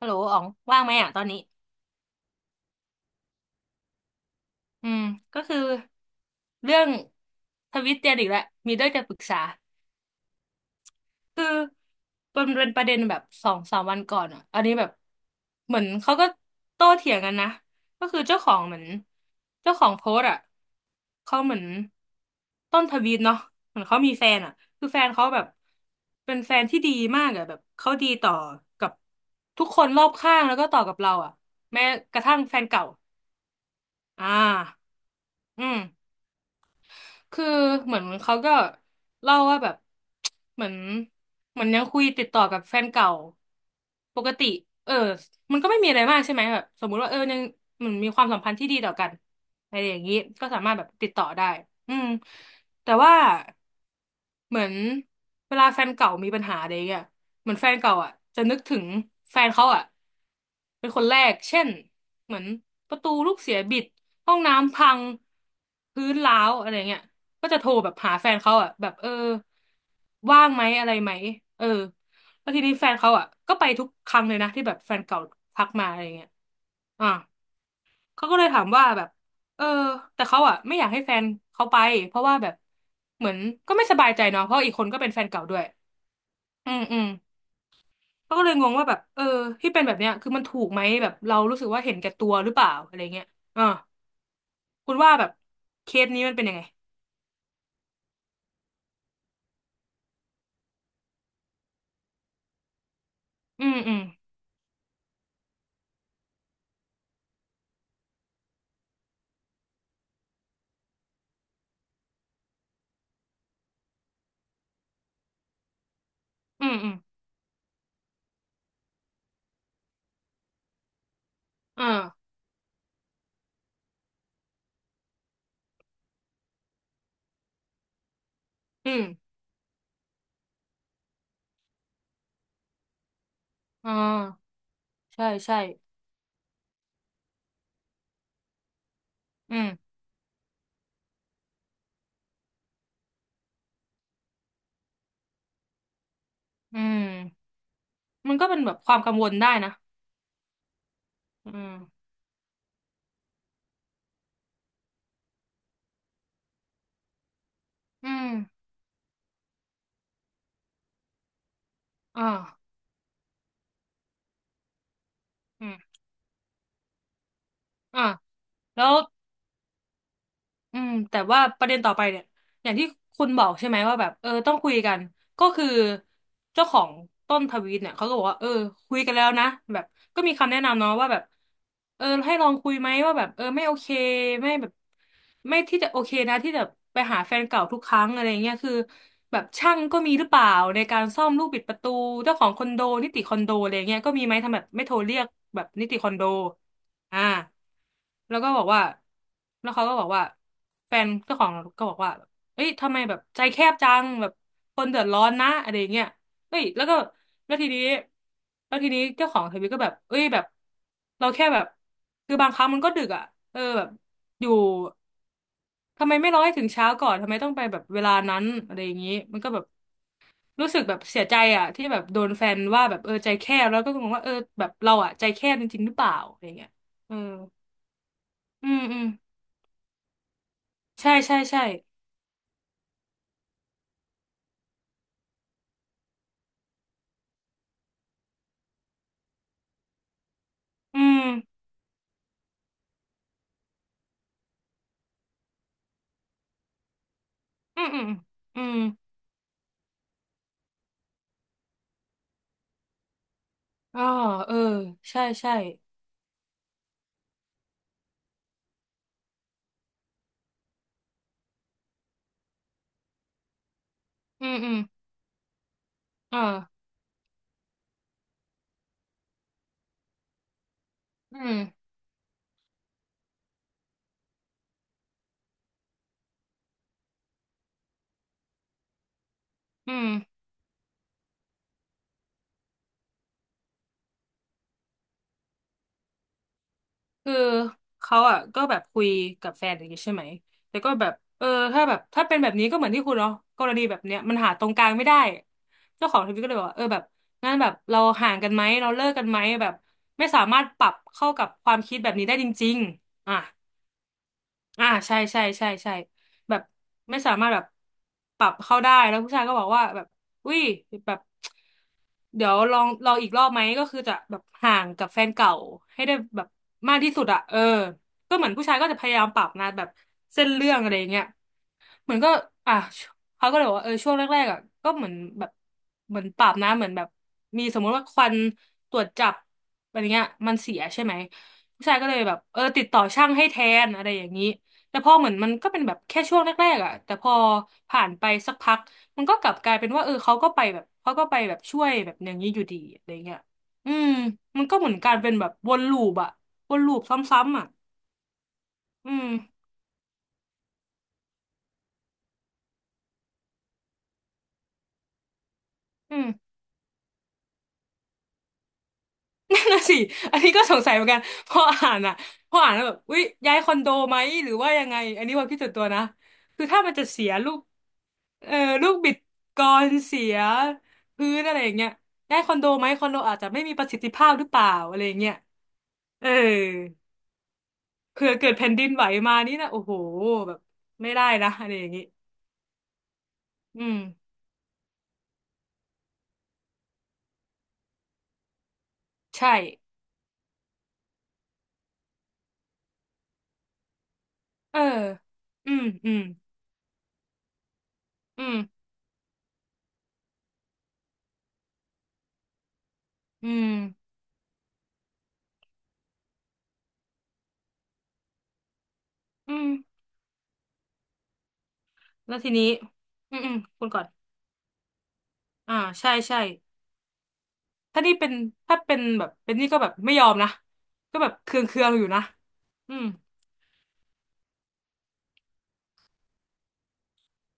ฮัลโหลอ๋องว่างไหมอ่ะตอนนี้อืมก็คือ เรื่องทวิตเตียนอีกแล้ว มีเรื่องจะปรึกษาคือมันเป็นประเด็นแบบสองสามวันก่อนอ่ะอันนี้แบบเหมือนเขาก็โต้เถียงกันนะก็คือเจ้าของเหมือนเจ้าของโพสต์อ่ะเขาเหมือนต้นทวีตเนาะเหมือนเขามีแฟนอ่ะคือแฟนเขาแบบเป็นแฟนที่ดีมากอ่ะแบบเขาดีต่อกับทุกคนรอบข้างแล้วก็ต่อกับเราอ่ะแม้กระทั่งแฟนเก่าอ่า อืม คือเหมือนเขาก็เล่าว่าแบบ เหมือนยังคุยติดต่อกับแฟนเก่าปกติเออมันก็ไม่มีอะไรมากใช่ไหมแบบสมมุติว่าเออยังเหมือนมีความสัมพันธ์ที่ดีต่อกันอะไรอย่างนี้ก็สามารถแบบติดต่อได้อืมแต่ว่าเหมือนเวลาแฟนเก่ามีปัญหาอะไรอย่างเงี้ยเหมือนแฟนเก่าอ่ะจะนึกถึงแฟนเขาอ่ะเป็นคนแรกเช่นเหมือนประตูลูกเสียบิดห้องน้ำพังพื้นร้าวอะไรเงี้ย ก็จะโทรแบบหาแฟนเขาอ่ะแบบเออว่างไหมอะไรไหมเออแล้วทีนี้แฟนเขาอ่ะก็ไปทุกครั้งเลยนะที่แบบแฟนเก่าทักมาอะไรเงี้ยอ่ะเขาก็เลยถามว่าแบบเออแต่เขาอ่ะไม่อยากให้แฟนเขาไปเพราะว่าแบบเหมือนก็ไม่สบายใจเนาะเพราะอีกคนก็เป็นแฟนเก่าด้วยอืมอืมเขาก็เลยงงว่าแบบเออที่เป็นแบบเนี้ยคือมันถูกไหมแบบเรารู้สึกว่าเห็นแก่ตัวหรือเปล่าอะไรเงี้ยอ่าคุณว่าแบบเคสนี้มันเป็นยังไงอืมอืมอืมอืมอ่าอืม อ่าใช่ใช่อืมอืมมันก็เป็นแบบความกังวลได้นะอืมอืมอ่าอืมอ่าแล้วอืมแต่ว่าประเด็นต่อไปเนี่ยอย่างที่คุณบอกใช่ไหมว่าแบบเออต้องคุยกัน ก็คือเจ้าของต้นทวีตเนี่ยเขาก็บอกว่าเออคุยกันแล้วนะแบบก็มีคำแนะนำเนาะว่าแบบเออให้ลองคุยไหมว่าแบบเออไม่โอเคไม่แบบไม่ที่จะโอเคนะที่จะไปหาแฟนเก่าทุกครั้งอะไรเงี้ยคือแบบช่างก็มีหรือเปล่าในการซ่อมลูกบิดประตูเจ้าของคอนโดนิติคอนโดอะไรเงี้ยก็มีไหมทำแบบไม่โทรเรียกแบบนิติคอนโดอ่าแล้วก็บอกว่าแล้วเขาก็บอกว่าแฟนเจ้าของก็บอกว่า เอ้ยทำไมแบบใจแคบจังแบบคนเดือดร้อนนะอะไรอย่างเงี้ยเอ้ยแล้วก็แล้วทีนี้เจ้าของทวิตก็แบบเอ้ยแบบเราแค่แบบคือบางครั้งมันก็ดึกอ่ะเออแบบอยู่ทำไมไม่รอให้ถึงเช้าก่อนทำไมต้องไปแบบเวลานั้นอะไรอย่างงี้มันก็แบบรู้สึกแบบเสียใจอ่ะที่แบบโดนแฟนว่าแบบเออใจแคบแล้วก็งงว่าเออแบบเราอ่ะใจแคบจริงๆหรือเปล่าอะไรอย่างเงี้ยเอออืมอืมใช่ใช่ใช่อืมอืมอืมอืม อ่าเออใช่ใช่อืมอืมอ่าอืมอืมคือเขาอ่ะก็แบบคุยกับแฟนอย่างงี้ใช่ไหมแต่ก็แบบเออถ้าแบบถ้าเป็นแบบนี้ก็เหมือนที่คุณเนาะกรณีแบบเนี้ยมันหาตรงกลางไม่ได้เจ้าของทวิตก็เลยบอกว่าเออแบบงั้นแบบเราห่างกันไหมเราเลิกกันไหมแบบไม่สามารถปรับเข้ากับความคิดแบบนี้ได้จริงๆอ่ะอ่าใช่ใช่ใช่ใช่แบบไม่สามารถแบบปรับเข้าได้แล้วผู้ชายก็บอกว่าแบบอุ้ยแบบ เดี๋ยวลองอีกรอบไหมก็คือจะแบบห่างกับแฟนเก่าให้ได้แบบมากที่สุดอะเออก็เหมือนผู้ชายก็จะพยายามปรับนะแบบเส้นเรื่องอะไรอย่างเงี้ยเหมือนก็อ่ะเขาก็เลยบอกว่าเออช่วงแรกๆอะก็เหมือนแบบเหมือนปรับนะเหมือนแบบมีสมมุติว่าควันตรวจจับอะไรเงี้ยมันเสียใช่ไหมผู้ชายก็เลยแบบเออติดต่อช่างให้แทนอะไรอย่างนี้แต่พอเหมือนมันก็เป็นแบบแค่ช่วงแรกๆอะแต่พอผ่านไปสักพัก มันก็กลับกลายเป็นว่าเออเขาก็ไปแบบเขาก็ไปแบบช่วยแบบอย่างนี้อยู่ดีอะไรเงี้ยอืมมันก็เหมือนการเป็นแบบวนลูปอะวนลูปซ้ำๆอะอืมอืม นั่นน่ะสิอันนี้ก็สงสัยเหมือนกันพออ่านอะพออ่านแล้วแบบอุ๊ยย้ายคอนโดไหมหรือว่ายังไงอันนี้ความคิดส่วนตัวนะคือถ้ามันจะเสียลูกเออลูกบิดกรเสียพื้นอะไรอย่างเงี้ยย้ายคอนโดไหมคอนโดอาจจะไม่มีประสิทธิภาพหรือเปล่าอะไรอย่างเงี้ยเออ เผื่อเกิดแผ่นดินไหวมานี่นะโอ้โหแบบไม่ได้นะอะไรอย่างงี้อืมใช่เอออืมอืมอืมอืมอืมแล้วทีนี้อืมอืมคุณก่อนอ่าใช่ใช่ถ้านี่เป็นถ้าเป็นแบบเป็นนี่ก็แบบไม่ยอมนะก็แบบเคืองเคืองอยู่นะอืม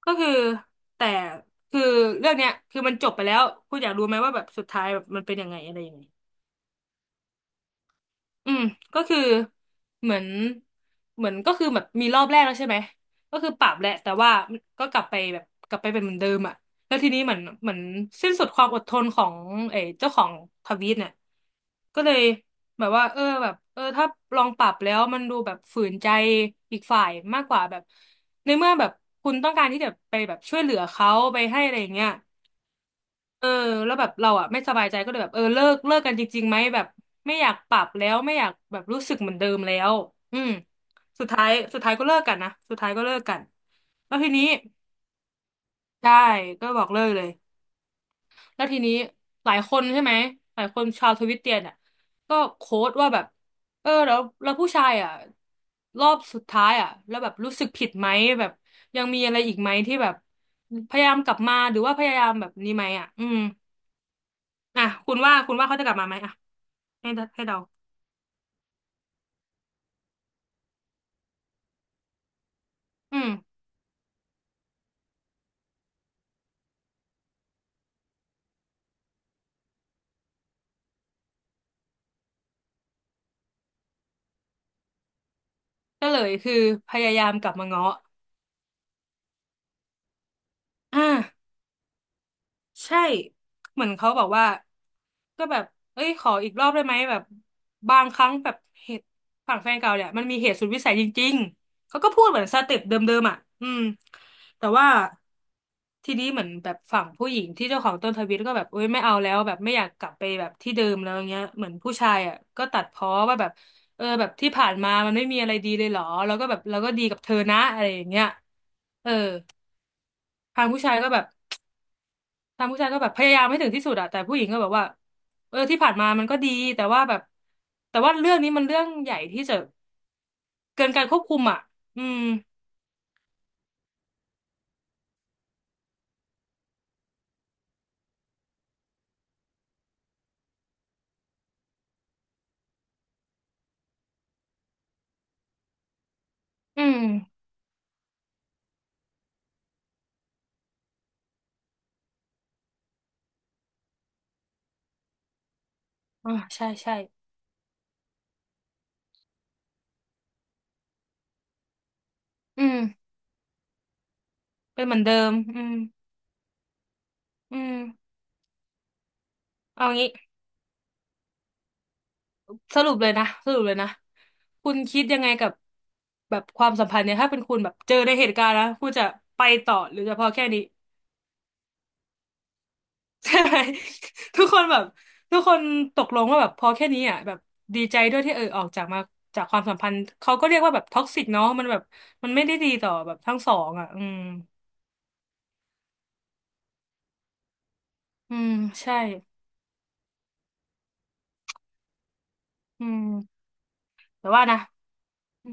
ก็คือแต่คือเรื่องเนี้ยคือมันจบไปแล้วคุณอยากรู้ไหมว่าแบบสุดท้ายแบบมันเป็นยังไงอะไรยังไง อืมก็คือเหมือนก็คือแบบมีรอบแรกแล้วใช่ไหมก็คือปรับแหละแต่ว่าก็กลับไปแบบกลับไปเป็นเหมือนเดิมอ่ะแล้วทีนี้เหมือนสิ้นสุดความอดทนของเออเจ้าของทวีตเนี่ยก็เลยแบบว่าเออแบบเออถ้าลองปรับแล้วมันดูแบบฝืนใจอีกฝ่ายมากกว่าแบบในเมื่อแบบคุณต้องการที่จะไปแบบช่วยเหลือเขาไปให้อะไรอย่างเงี้ย เออแล้วแบบเราอ่ะไม่สบายใจก็เลยแบบเออเลิกกันจริงๆไหมแบบไม่อยากปรับแล้วไม่อยากแบบรู้สึกเหมือนเดิมแล้วอืมสุดท้ายก็เลิกกันนะสุดท้ายก็เลิกกันแล้วทีนี้ใช่ก็บอกเลิกเลยแล้วทีนี้หลายคนใช่ไหมหลายคนชาวทวิตเตียนอ่ะก็โค้ดว่าแบบเออแล้วผู้ชายอ่ะรอบสุดท้ายอ่ะแล้วแบบรู้สึกผิดไหมแบบยังมีอะไรอีกไหมที่แบบพยายามกลับมาหรือว่าพยายามแบบนี้ไหมอ่ะอืม อ่ะคุณว่าเขาจะกลับมาไหมอ่ะให้เดาอืมก็เลยคือพยายามกลับมาง้ออ่า ใช่เหมือนเขาบอกว่าก็แบบเอ้ยขออีกรอบได้ไหมแบบบางครั้งแบบเหตุฝั่งแฟนเก่าเนี่ยมันมีเหตุสุดวิสัยจริงๆเขาก็พูดเหมือนสเต็ปเดิมๆอ่ะอืมแต่ว่าทีนี้เหมือนแบบฝั่งผู้หญิงที่เจ้าของต้นทวิตก็แบบเอ้ยไม่เอาแล้วแบบไม่อยากกลับไปแบบที่เดิมแล้วเงี้ยเหมือนผู้ชายอ่ะก็ตัดพ้อว่าแบบเออแบบที่ผ่านมามันไม่มีอะไรดีเลยเหรอแล้วก็แบบเราก็ดีกับเธอนะอะไรอย่างเงี้ยเออทางผู้ชายก็แบบ ทางผู้ชายก็แบบพยายามให้ถึงที่สุดอะแต่ผู้หญิงก็แบบว่าเออที่ผ่านมามันก็ดีแต่ว่าแบบแต่ว่าเรื่องนี้มันเรื่องใหญ่ที่จะเกินการควบคุมอะอืมอืมอ่าใช่ใช่อืมเป็นเหมือนเดิมอืมอืมเอางี้สรุปเลยนะคุณคิดยังไงกับแบบความสัมพันธ์เนี่ยถ้าเป็นคุณแบบเจอในเหตุการณ์นะคุณจะไปต่อหรือจะพอแค่นี้ ใช่ ทุกคนแบบทุกคนตกลงว่าแบบพอแค่นี้อ่ะแบบดีใจด้วยที่เออออกจากมาจากความสัมพันธ์เขาก็เรียกว่าแบบท็อกซิกเนาะมันแบบมันไม่ได้ดีต่อแบบทั้งสองอ่ะอืมอืมใช่อืมแต่ว่านะ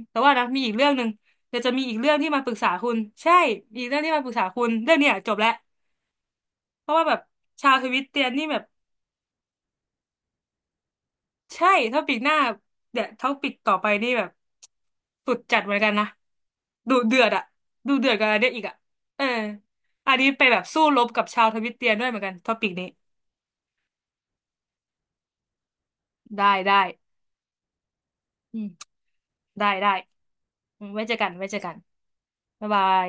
มีอีกเรื่องหนึ่งเดี๋ยวจะมีอีกเรื่องที่มาปรึกษาคุณใช่อีกเรื่องที่มาปรึกษาคุณเรื่องเนี้ยจบแล้วเพราะว่าแบบชาวทวิตเตียนนี่แบบ ใช่ท็อปิกหน้าเดี๋ยวท็อปิกต่อไปนี่แบบสุดจัดเหมือนกันนะ ดูเดือดอะดูเดือดกันอะไรเนี่ยอีกอะเอออันนี้ไปแบบสู้รบกับชาวทวิตเตียนด้วยเหมือนกันท็อปิกนี้ได้อืมได้อืมไว้เจอกันบ๊ายบาย